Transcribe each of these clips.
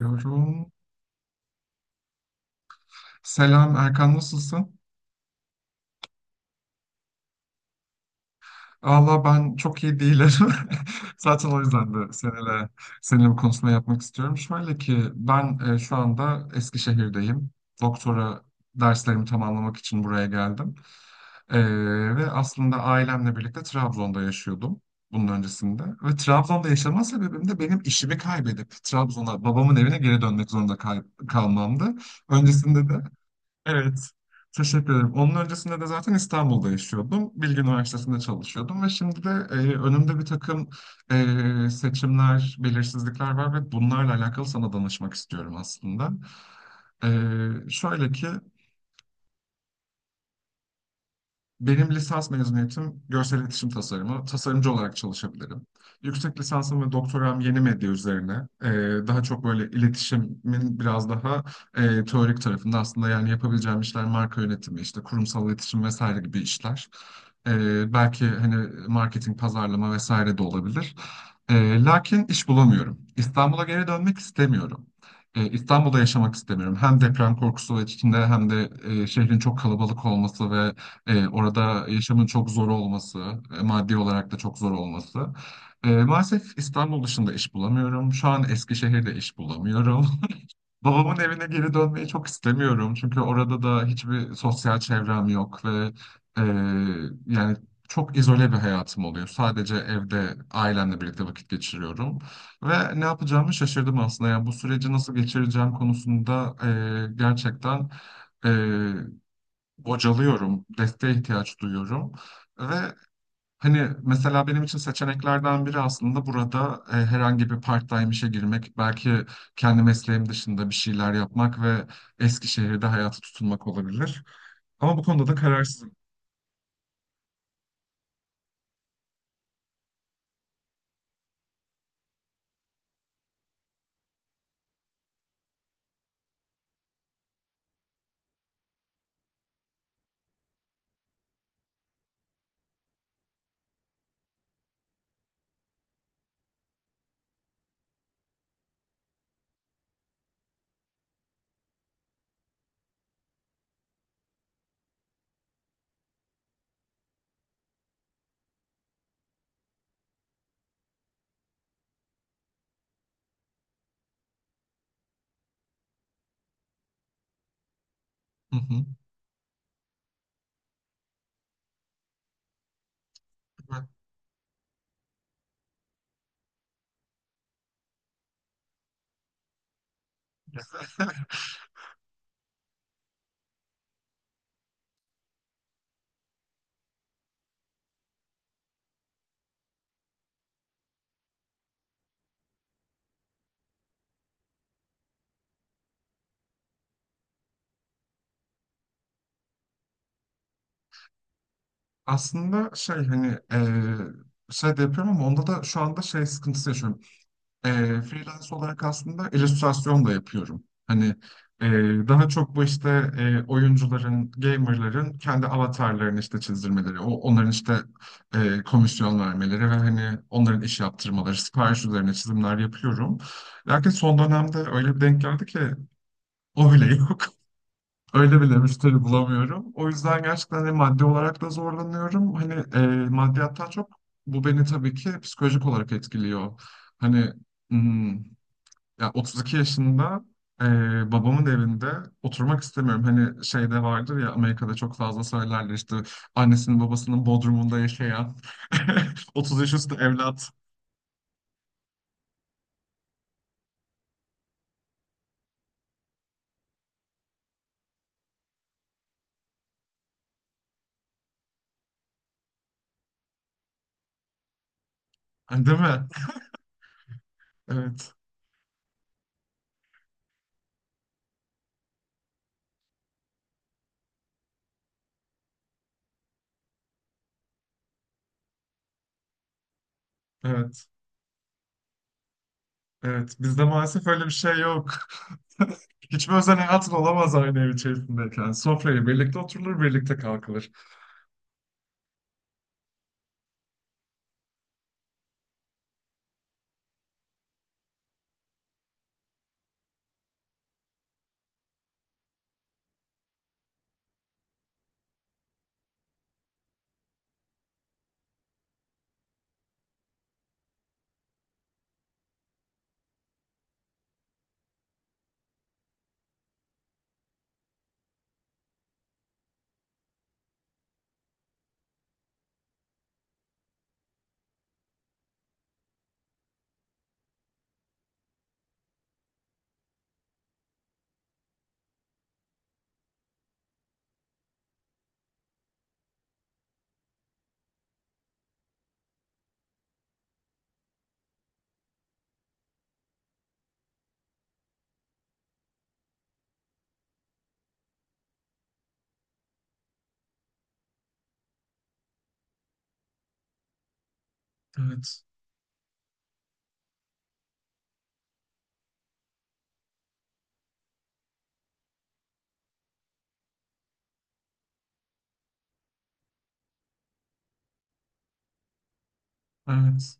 Diyorum. Selam Erkan, nasılsın? Allah ben çok iyi değilim. Zaten o yüzden de seninle bu konuşma yapmak istiyorum. Şöyle ki ben şu anda Eskişehir'deyim. Doktora derslerimi tamamlamak için buraya geldim. E, Ve aslında ailemle birlikte Trabzon'da yaşıyordum bunun öncesinde. Ve Trabzon'da yaşama sebebim de benim işimi kaybedip Trabzon'a babamın evine geri dönmek zorunda kalmamdı. Öncesinde de evet. Teşekkür ederim. Onun öncesinde de zaten İstanbul'da yaşıyordum. Bilgi Üniversitesi'nde çalışıyordum ve şimdi de önümde bir takım seçimler, belirsizlikler var ve bunlarla alakalı sana danışmak istiyorum aslında. E, şöyle ki, benim lisans mezuniyetim görsel iletişim tasarımı. Tasarımcı olarak çalışabilirim. Yüksek lisansım ve doktoram yeni medya üzerine. Daha çok böyle iletişimin biraz daha teorik tarafında, aslında yani yapabileceğim işler marka yönetimi, işte kurumsal iletişim vesaire gibi işler. Belki hani marketing, pazarlama vesaire de olabilir. Lakin iş bulamıyorum. İstanbul'a geri dönmek istemiyorum. İstanbul'da yaşamak istemiyorum. Hem deprem korkusu içinde hem de şehrin çok kalabalık olması ve orada yaşamın çok zor olması, maddi olarak da çok zor olması. Maalesef İstanbul dışında iş bulamıyorum. Şu an Eskişehir'de iş bulamıyorum. Babamın evine geri dönmeyi çok istemiyorum. Çünkü orada da hiçbir sosyal çevrem yok ve e, yani çok izole bir hayatım oluyor. Sadece evde ailemle birlikte vakit geçiriyorum. Ve ne yapacağımı şaşırdım aslında. Yani bu süreci nasıl geçireceğim konusunda e, gerçekten... e, bocalıyorum, desteğe ihtiyaç duyuyorum. Ve hani mesela benim için seçeneklerden biri aslında burada herhangi bir part-time işe girmek, belki kendi mesleğim dışında bir şeyler yapmak ve Eskişehir'de hayatı tutunmak olabilir. Ama bu konuda da kararsızım. Hı hı. Evet. Aslında şey hani şey de yapıyorum ama onda da şu anda şey sıkıntısı yaşıyorum. Freelance olarak aslında illüstrasyon da yapıyorum. Hani e, daha çok bu işte oyuncuların, gamerların kendi avatarlarını işte çizdirmeleri, onların işte komisyon vermeleri ve hani onların iş yaptırmaları, sipariş üzerine çizimler yapıyorum. Lakin son dönemde öyle bir denk geldi ki o bile yok. Öyle bile müşteri bulamıyorum. O yüzden gerçekten hani maddi olarak da zorlanıyorum. Hani maddiyattan çok bu beni tabii ki psikolojik olarak etkiliyor. Hani hmm, ya 32 yaşında, eee, babamın evinde oturmak istemiyorum. Hani şeyde vardır ya, Amerika'da çok fazla söylerler işte, annesinin babasının bodrumunda yaşayan 30 yaş üstü evlat. Hani değil mi? Evet. Evet. Evet. Bizde maalesef öyle bir şey yok. Hiçbir özel hayatın olamaz aynı ev içerisindeyken. Sofraya birlikte oturulur, birlikte kalkılır. Evet. Evet.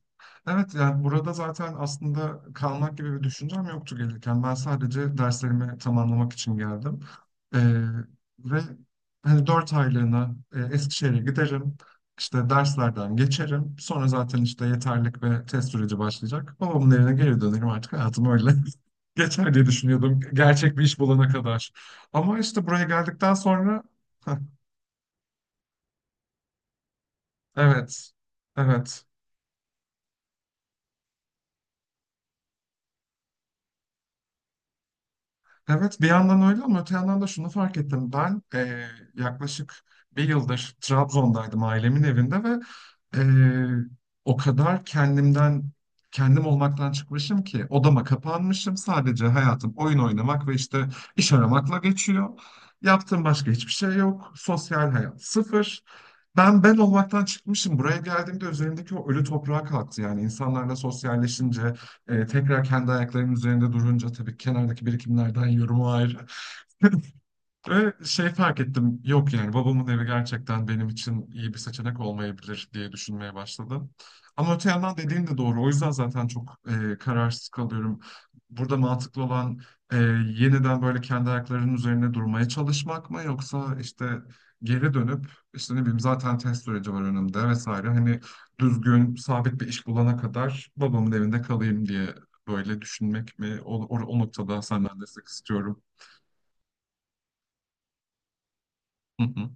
Evet, yani burada zaten aslında kalmak gibi bir düşüncem yoktu gelirken. Ben sadece derslerimi tamamlamak için geldim. Ee, ve Hani dört aylığına Eskişehir'e giderim. İşte derslerden geçerim. Sonra zaten işte yeterlik ve test süreci başlayacak. Babamın evine geri dönerim, artık hayatım öyle. Geçer diye düşünüyordum gerçek bir iş bulana kadar. Ama işte buraya geldikten sonra evet. Evet. Evet, bir yandan öyle ama öte yandan da şunu fark ettim. Ben yaklaşık bir yıldır Trabzon'daydım, ailemin evinde ve eee, o kadar kendim olmaktan çıkmışım ki odama kapanmışım. Sadece hayatım oyun oynamak ve işte iş aramakla geçiyor. Yaptığım başka hiçbir şey yok. Sosyal hayat sıfır. Ben olmaktan çıkmışım. Buraya geldiğimde üzerimdeki o ölü toprağa kalktı. Yani insanlarla sosyalleşince, tekrar kendi ayaklarının üzerinde durunca tabii kenardaki birikimlerden yorumu ayrı. Ve şey fark ettim, yok yani babamın evi gerçekten benim için iyi bir seçenek olmayabilir diye düşünmeye başladım. Ama öte yandan dediğin de doğru. O yüzden zaten çok kararsız kalıyorum. Burada mantıklı olan e, yeniden böyle kendi ayaklarının üzerine durmaya çalışmak mı, yoksa işte geri dönüp işte ne bileyim, zaten test süreci var önümde vesaire. Hani düzgün sabit bir iş bulana kadar babamın evinde kalayım diye böyle düşünmek mi? O noktada senden destek istiyorum. Hı hı.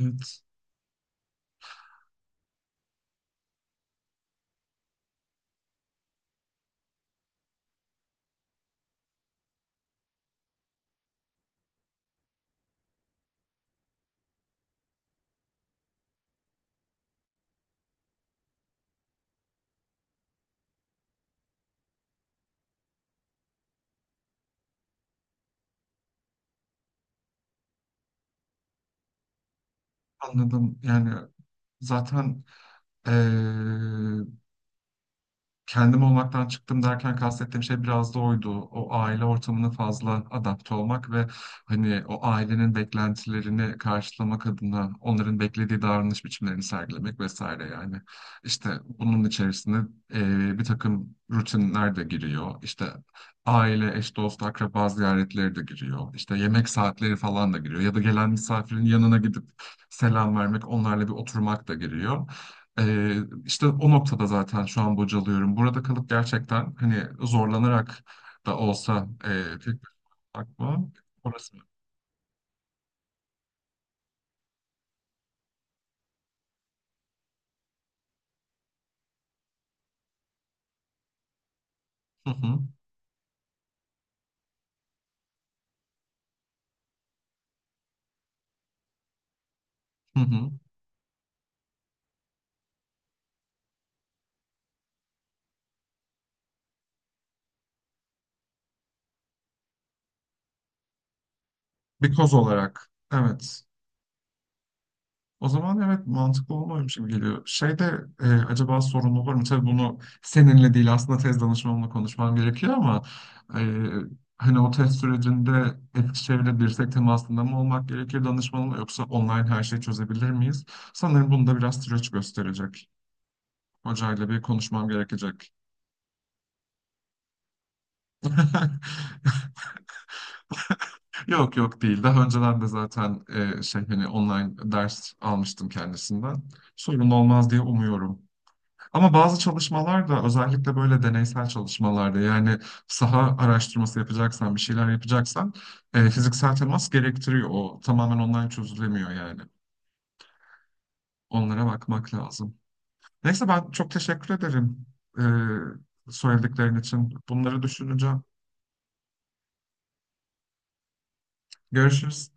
Evet. Anladım. Yani zaten eee, kendim olmaktan çıktım derken kastettiğim şey biraz da oydu. O aile ortamına fazla adapte olmak ve hani o ailenin beklentilerini karşılamak adına onların beklediği davranış biçimlerini sergilemek vesaire yani. İşte bunun içerisinde bir takım rutinler de giriyor. İşte aile, eş, dost, akraba ziyaretleri de giriyor. İşte yemek saatleri falan da giriyor. Ya da gelen misafirin yanına gidip selam vermek, onlarla bir oturmak da giriyor. Ee, işte o noktada zaten şu an bocalıyorum. Burada kalıp gerçekten hani zorlanarak da olsa tek akma orası. Hı hı, hı hı. Bir koz olarak. Evet. O zaman evet, mantıklı olmamış gibi geliyor. Şeyde acaba sorun olur mu? Tabii bunu seninle değil aslında tez danışmamla konuşmam gerekiyor ama e, hani o test sürecinde Eskişehir'le dirsek temasında mı olmak gerekir danışmanla, yoksa online her şeyi çözebilir miyiz? Sanırım bunu da biraz süreç gösterecek. Hocayla bir konuşmam gerekecek. Yok yok değil. Daha önceden de zaten şey hani online ders almıştım kendisinden. Sorun olmaz diye umuyorum. Ama bazı çalışmalar da, özellikle böyle deneysel çalışmalarda, yani saha araştırması yapacaksan, bir şeyler yapacaksan fiziksel temas gerektiriyor. O tamamen online çözülemiyor yani. Onlara bakmak lazım. Neyse ben çok teşekkür ederim söylediklerin için. Bunları düşüneceğim. Görüşürüz.